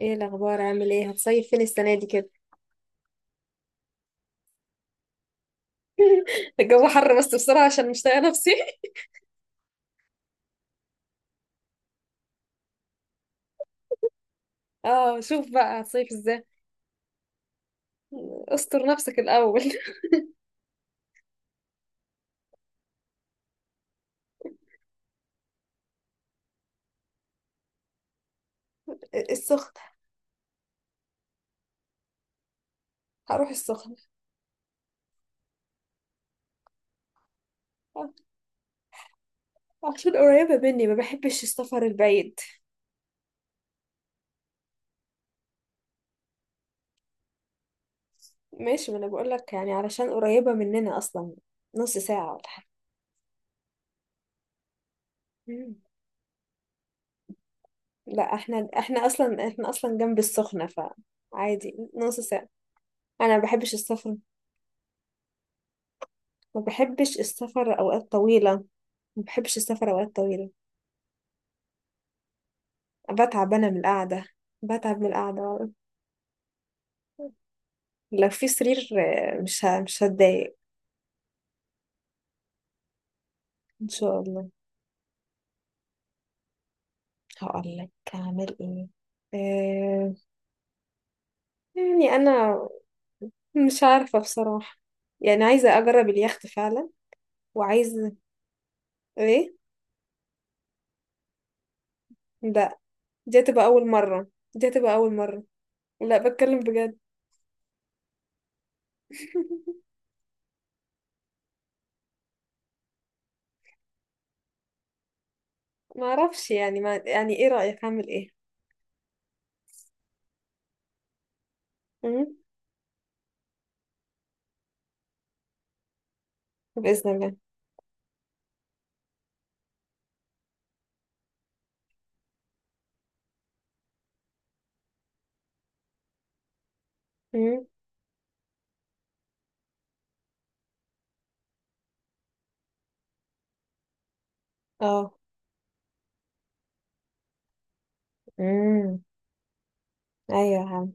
ايه الاخبار، عامل ايه؟ هتصيف فين السنه دي كده؟ الجو حر بس بسرعه عشان مش طايقه نفسي. اه، شوف بقى هتصيف ازاي. استر نفسك الاول. السخن. هروح السخن. آه، عشان قريبه مني ما بحبش السفر البعيد. ماشي، ما انا بقول لك يعني علشان قريبه مننا اصلا. نص ساعه ولا حاجه. مم. لا، احنا اصلا جنب السخنه. فعادي نص ساعه. انا ما بحبش السفر. ما بحبش السفر اوقات طويله. ما بحبش السفر اوقات طويله. بتعب انا من القعده. بتعب من القعده. لو في سرير. آه، مش هتضايق. ان شاء الله. هقول لك هعمل ايه. آه، يعني انا مش عارفه بصراحه. يعني عايزه اجرب اليخت فعلا. وعايزه. ايه. لا، دي هتبقى اول مره. دي هتبقى اول مره. لا، بتكلم بجد. ما اعرفش يعني، ما يعني ايه رايك اعمل ايه؟ مم؟ باذن الله. مم؟ اه. امم ايوه يا عم.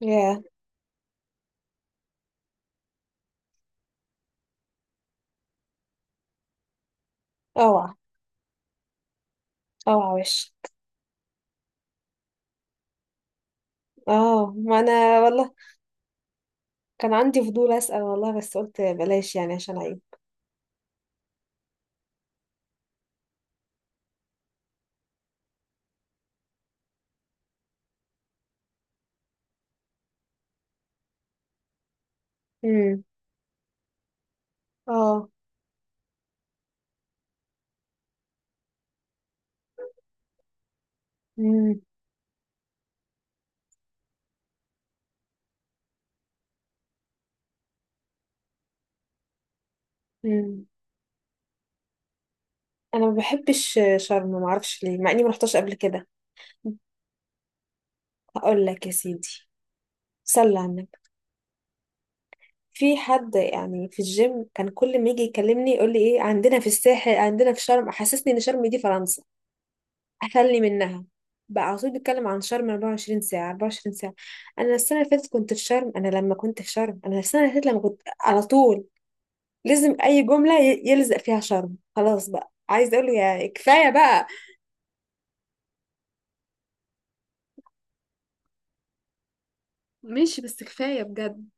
يا، اوعى. اوعى وش. اه، ما انا والله كان عندي فضول اسأل والله بس قلت بلاش يعني عشان عيب. امم اه. امم امم انا ما بحبش شرم، ما اعرفش ليه مع اني ما رحتش قبل كده. هقول لك يا سيدي. صلي على النبي. في حد يعني في الجيم كان كل ما يجي يكلمني يقول لي ايه عندنا في الساحل، عندنا في شرم. حسسني ان شرم دي فرنسا. اخلي منها. بقى على طول بيتكلم عن شرم 24 ساعة 24 ساعة. أنا السنة اللي فاتت كنت في شرم، أنا لما كنت في شرم، أنا السنة اللي فاتت لما كنت على طول لازم اي جمله يلزق فيها شرم. خلاص بقى، عايز اقول له يا كفايه بقى. ماشي بس كفاية بجد.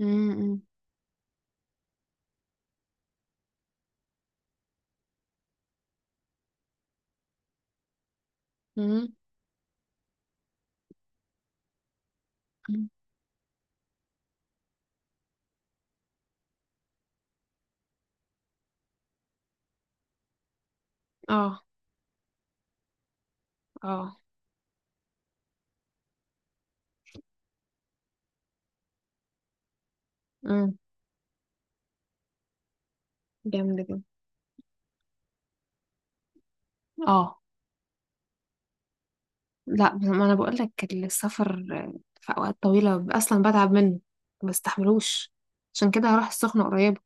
امم امم اه. اه. امم جامد جدا. اه. لا، ما انا بقول لك السفر في اوقات طويله اصلا بتعب منه. ما بستحملوش. عشان كده هروح السخنه قريب.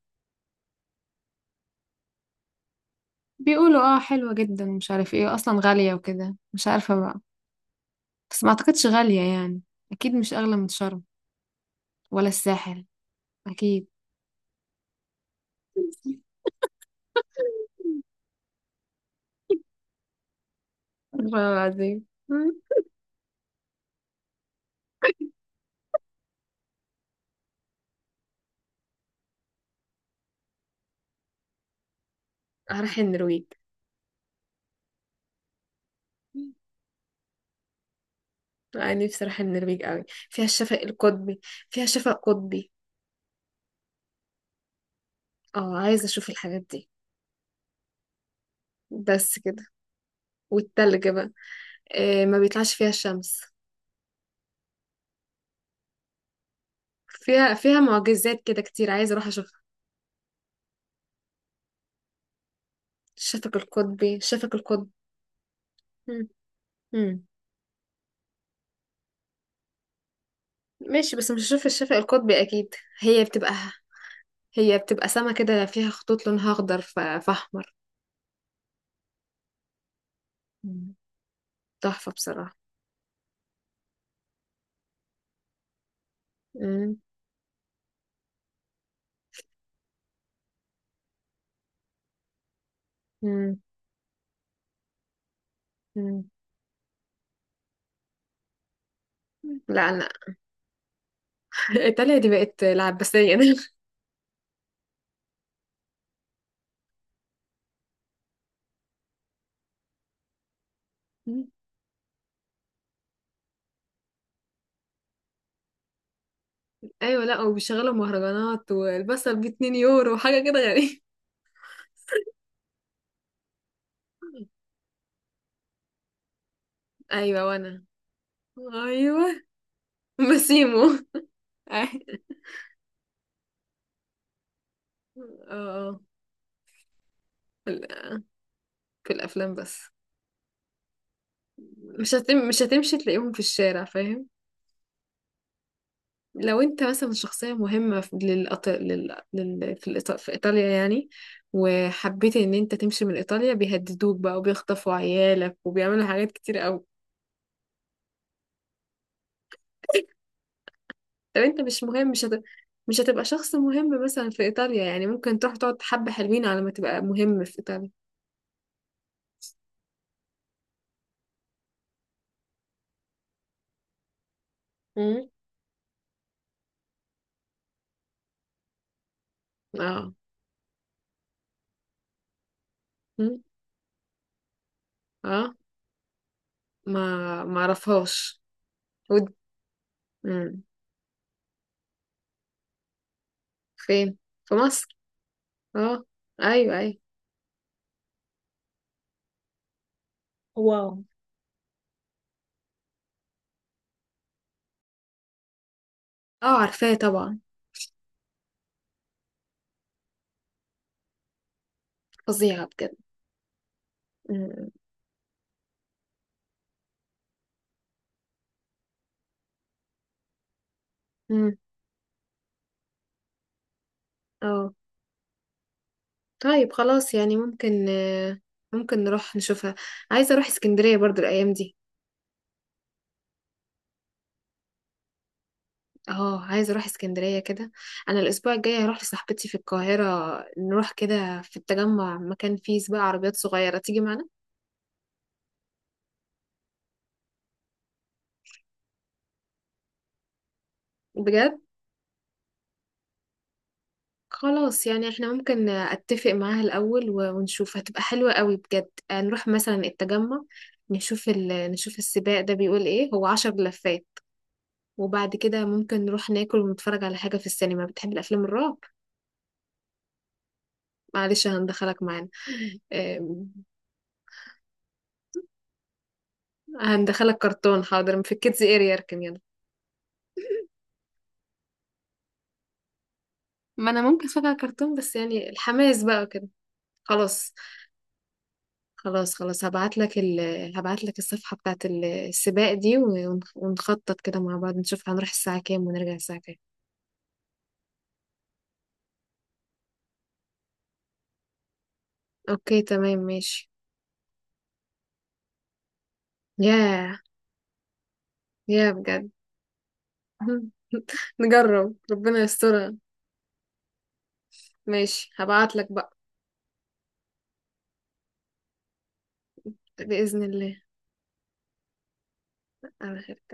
بيقولوا اه حلوه جدا، مش عارف ايه، اصلا غاليه وكده، مش عارفه بقى. بس ما اعتقدش غاليه يعني. اكيد مش اغلى من شرم، ولا الساحل. اكيد. والله العظيم. مم. هروح النرويج. مم. أنا نفسي أروح النرويج أوي. فيها الشفق القطبي. فيها شفق قطبي. اه، عايزة أشوف الحاجات دي. بس كده. والتلج بقى. إيه، ما بيطلعش فيها الشمس. فيها معجزات كده كتير، عايزة أروح أشوفها. الشفق القطبي، الشفق القطبي. مم. مم. ماشي بس مش هشوف الشفق القطبي أكيد. هي بتبقى. هي بتبقى سما كده فيها خطوط لونها أخضر فأحمر. مم. تحفة بصراحة. مم. مم. مم. لا، أنا ايطاليا دي بقت العباسية. ده ايوه، لا، وبيشغلوا مهرجانات والبصل ب 2 يورو، حاجة كده غريبة. ايوه وانا. ايوه. بسيمو. اه. آه. في ال- في الافلام بس. مش هتمشي تلاقيهم في الشارع فاهم. لو انت مثلا شخصيه مهمه في للأط... لل... لل... في, الإيط... في ايطاليا يعني، وحبيت ان انت تمشي من ايطاليا بيهددوك بقى وبيخطفوا عيالك وبيعملوا حاجات كتير. طب انت مش مهم، مش هتبقى شخص مهم مثلا في ايطاليا، يعني ممكن تروح تقعد حبة حلوين على ما تبقى مهم في ايطاليا. مم. اه. مم. اه. ما اعرفهاش. ود مم. فين. في مصر. اه. ايوه ايوه. واو. اه، عارفاه طبعا. فظيعة بجد. مم. مم. اه. طيب خلاص، يعني ممكن آه، ممكن نروح نشوفها. عايزة اروح اسكندرية برضو الايام دي. اه، عايزه اروح اسكندريه كده. انا الاسبوع الجاي هروح لصاحبتي في القاهره. نروح كده في التجمع، مكان فيه سباق عربيات صغيره، تيجي معانا؟ بجد؟ خلاص، يعني احنا ممكن اتفق معاها الاول ونشوف هتبقى حلوه قوي بجد. آه، نروح مثلا التجمع، نشوف السباق ده بيقول ايه. هو 10 لفات. وبعد كده ممكن نروح ناكل ونتفرج على حاجه في السينما. بتحب الافلام الرعب؟ معلش، هندخلك معانا. آم، هندخلك كرتون. حاضر، في الكيدز اريا اركن يلا. ما انا ممكن فجأة كرتون بس يعني الحماس بقى كده. خلاص. خلاص خلاص. هبعت لك هبعت لك الصفحة بتاعت السباق دي ونخطط كده مع بعض نشوف هنروح الساعة كام ونرجع الساعة كام. اوكي تمام ماشي. ياه. ياه بجد. نجرب ربنا يسترها. ماشي، هبعت لك بقى. بإذن الله. على خير.